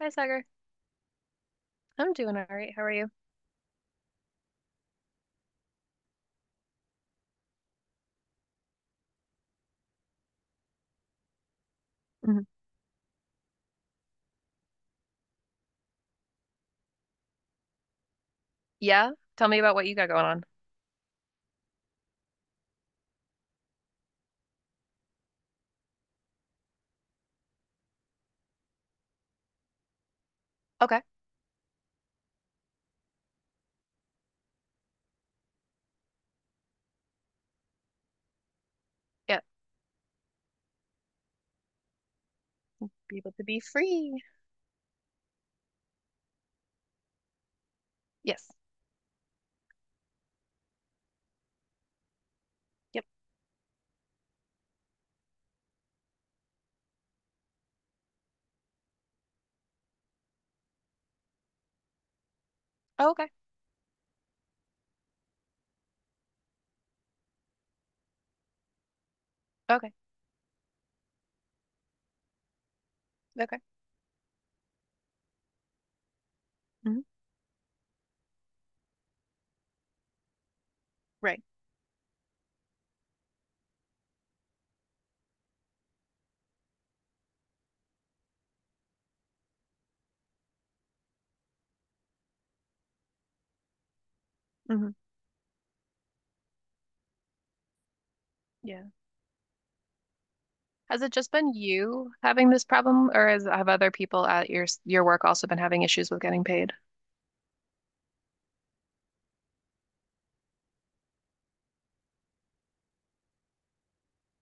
Hi, Sagar. I'm doing all right. How are you? Mhm. Yeah. Tell me about what you got going on. Okay. Yeah. Be able to be free. Yes. Yep. Oh, okay. Okay. Okay. Hmm. Right. Hmm. Yeah. Has it just been you having this problem, have other people at your work also been having issues with getting paid?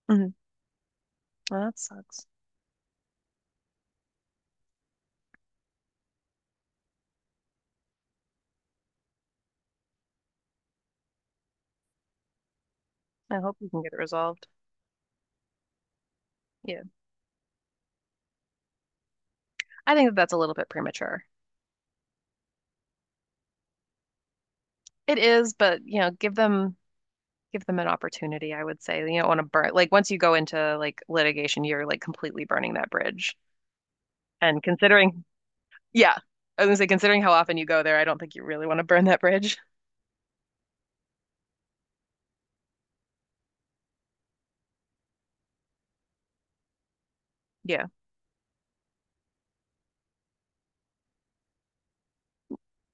Hmm. Well, that sucks. I hope you can get it resolved. Yeah. I think that that's a little bit premature. It is, but you know, give them an opportunity, I would say. You don't want to burn like once you go into like litigation, you're like completely burning that bridge. And considering, yeah, I was gonna say considering how often you go there, I don't think you really want to burn that bridge. Yeah.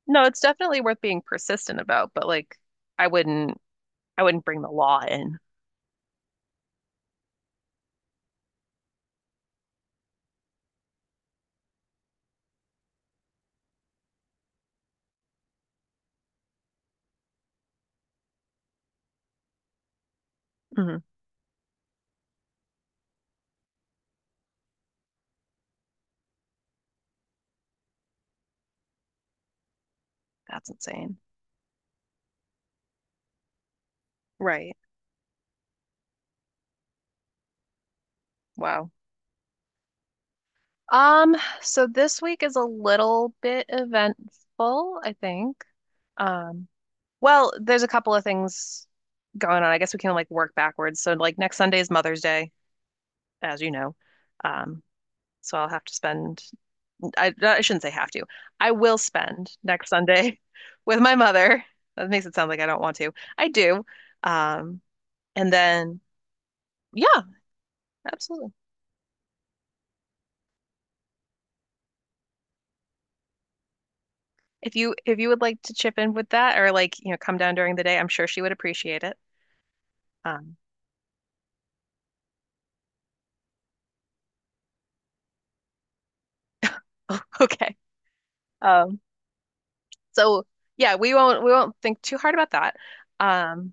No, it's definitely worth being persistent about, but like I wouldn't I wouldn't bring the law in. Mm-hmm. That's insane. Right. Wow. Um, so this week is a little bit eventful, I think. Um, Well, there's a couple of things going on. I guess we can like work backwards. So like next Sunday is Mother's Day, as you know. Um, so I shouldn't say have to. I will spend next Sunday with my mother. That makes it sound like I don't want to. I do. Um, and then yeah, absolutely. If you would like to chip in with that or like, you know, come down during the day, I'm sure she would appreciate it. Um, okay. Um, so yeah, we won't think too hard about that. Um,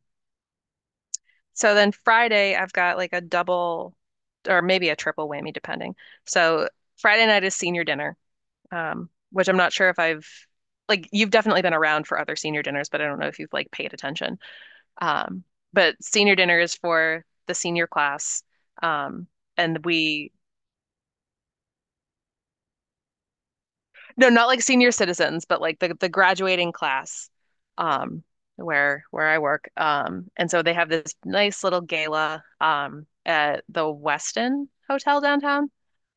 So then Friday, I've got like a double or maybe a triple whammy, depending. So Friday night is senior dinner, which I'm not sure if I've like you've definitely been around for other senior dinners, but I don't know if you've like paid attention. Um, but senior dinner is for the senior class. Um, and we no, not like senior citizens, but like the graduating class, um, where I work. And so they have this nice little gala, at the Westin Hotel downtown.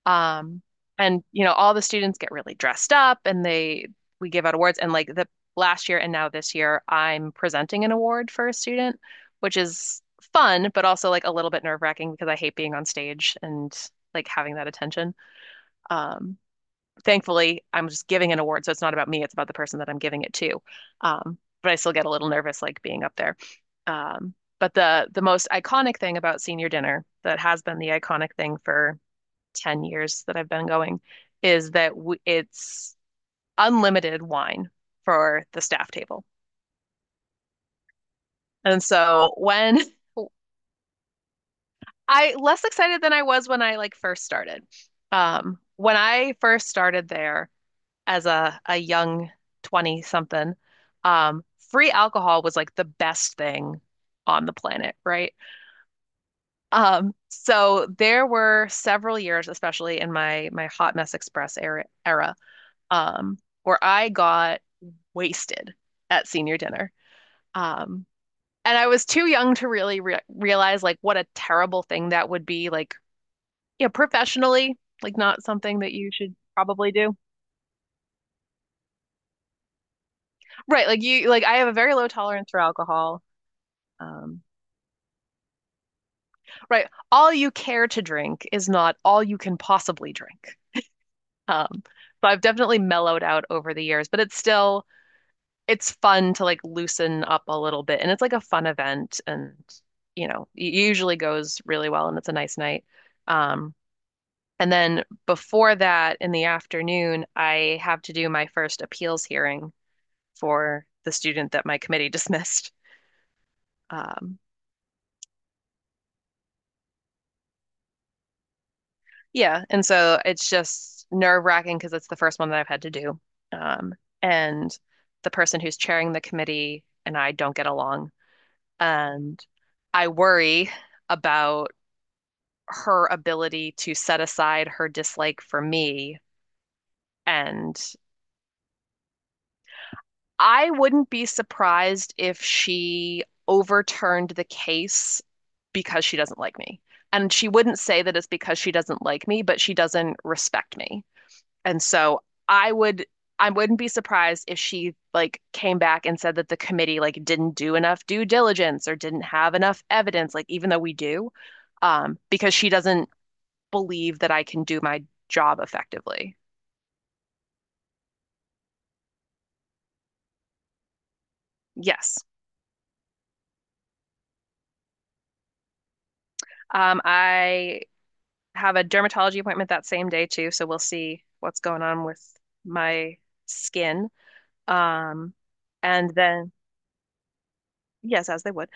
Um, and you know, all the students get really dressed up, and they we give out awards. And like the last year and now this year, I'm presenting an award for a student, which is fun, but also like a little bit nerve-wracking because I hate being on stage and like having that attention. Um, thankfully, I'm just giving an award, so it's not about me. It's about the person that I'm giving it to. But I still get a little nervous, like being up there. Um, but the most iconic thing about senior dinner that has been the iconic thing for 10 years that I've been going is that it's unlimited wine for the staff table. And so when I less excited than I was when I like first started. When I first started there, as a young 20 something, um, free alcohol was like the best thing on the planet, right? So there were several years, especially in my Hot Mess Express era, um, where I got wasted at senior dinner. Um, and I was too young to really re realize like what a terrible thing that would be, like, yeah, professionally, like not something that you should probably do. Right, like I have a very low tolerance for alcohol. Um, Right. All you care to drink is not all you can possibly drink. So I've definitely mellowed out over the years, but it's still it's fun to like loosen up a little bit and it's like a fun event and you know, it usually goes really well and it's a nice night. Um, and then before that in the afternoon, I have to do my first appeals hearing for the student that my committee dismissed. Um, Yeah, and so it's just nerve wracking because it's the first one that I've had to do. Um, and the person who's chairing the committee and I don't get along. And I worry about her ability to set aside her dislike for me. And I wouldn't be surprised if she overturned the case because she doesn't like me. And she wouldn't say that it's because she doesn't like me, but she doesn't respect me. And so I would I wouldn't be surprised if she like came back and said that the committee like didn't do enough due diligence or didn't have enough evidence, like even though we do, because she doesn't believe that I can do my job effectively. Yes. I have a dermatology appointment that same day too, so we'll see what's going on with my skin. Um, and then yes, as they would.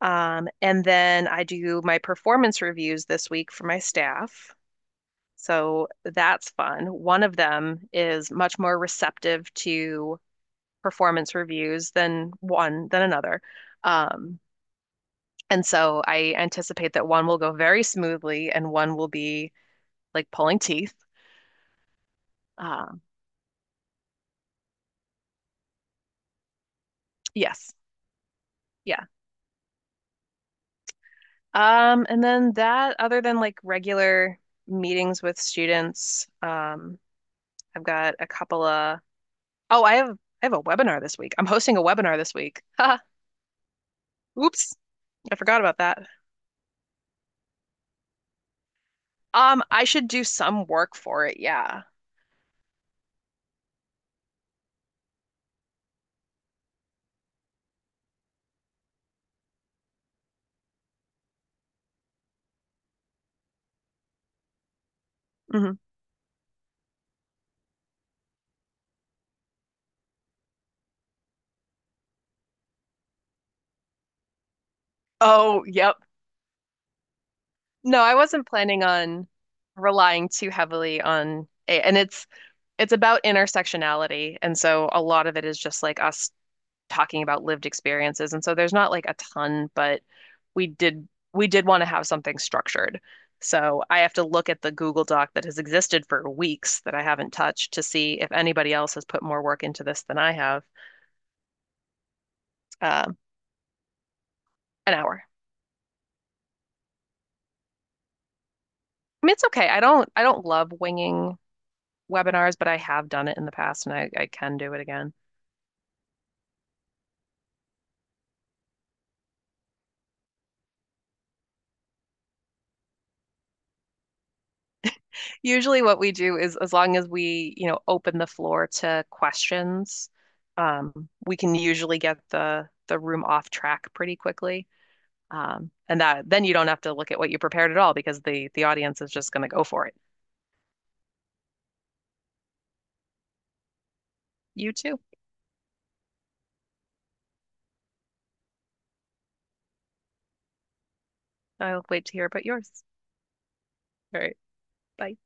And then I do my performance reviews this week for my staff. So that's fun. One of them is much more receptive to performance reviews than one than another. Um, and so I anticipate that one will go very smoothly and one will be like pulling teeth. Um, yes. Yeah. And then that, other than like regular meetings with students, I've got a couple of Oh, I have a webinar this week. I'm hosting a webinar this week. Ha, oops, I forgot about that. I should do some work for it. Yeah. Hmm. Oh, yep. No, I wasn't planning on relying too heavily on a, and it's about intersectionality, and so a lot of it is just like us talking about lived experiences. And so there's not like a ton, but we did we did want to have something structured. So I have to look at the Google Doc that has existed for weeks that I haven't touched to see if anybody else has put more work into this than I have. Um, an hour. I mean, it's okay. I don't love winging webinars, but I have done it in the past and I can do it again. Usually what we do is as long as we, you know, open the floor to questions, um, we can usually get the room off track pretty quickly. And that then you don't have to look at what you prepared at all because the audience is just going to go for it. You too. I'll wait to hear about yours. All right. Bye.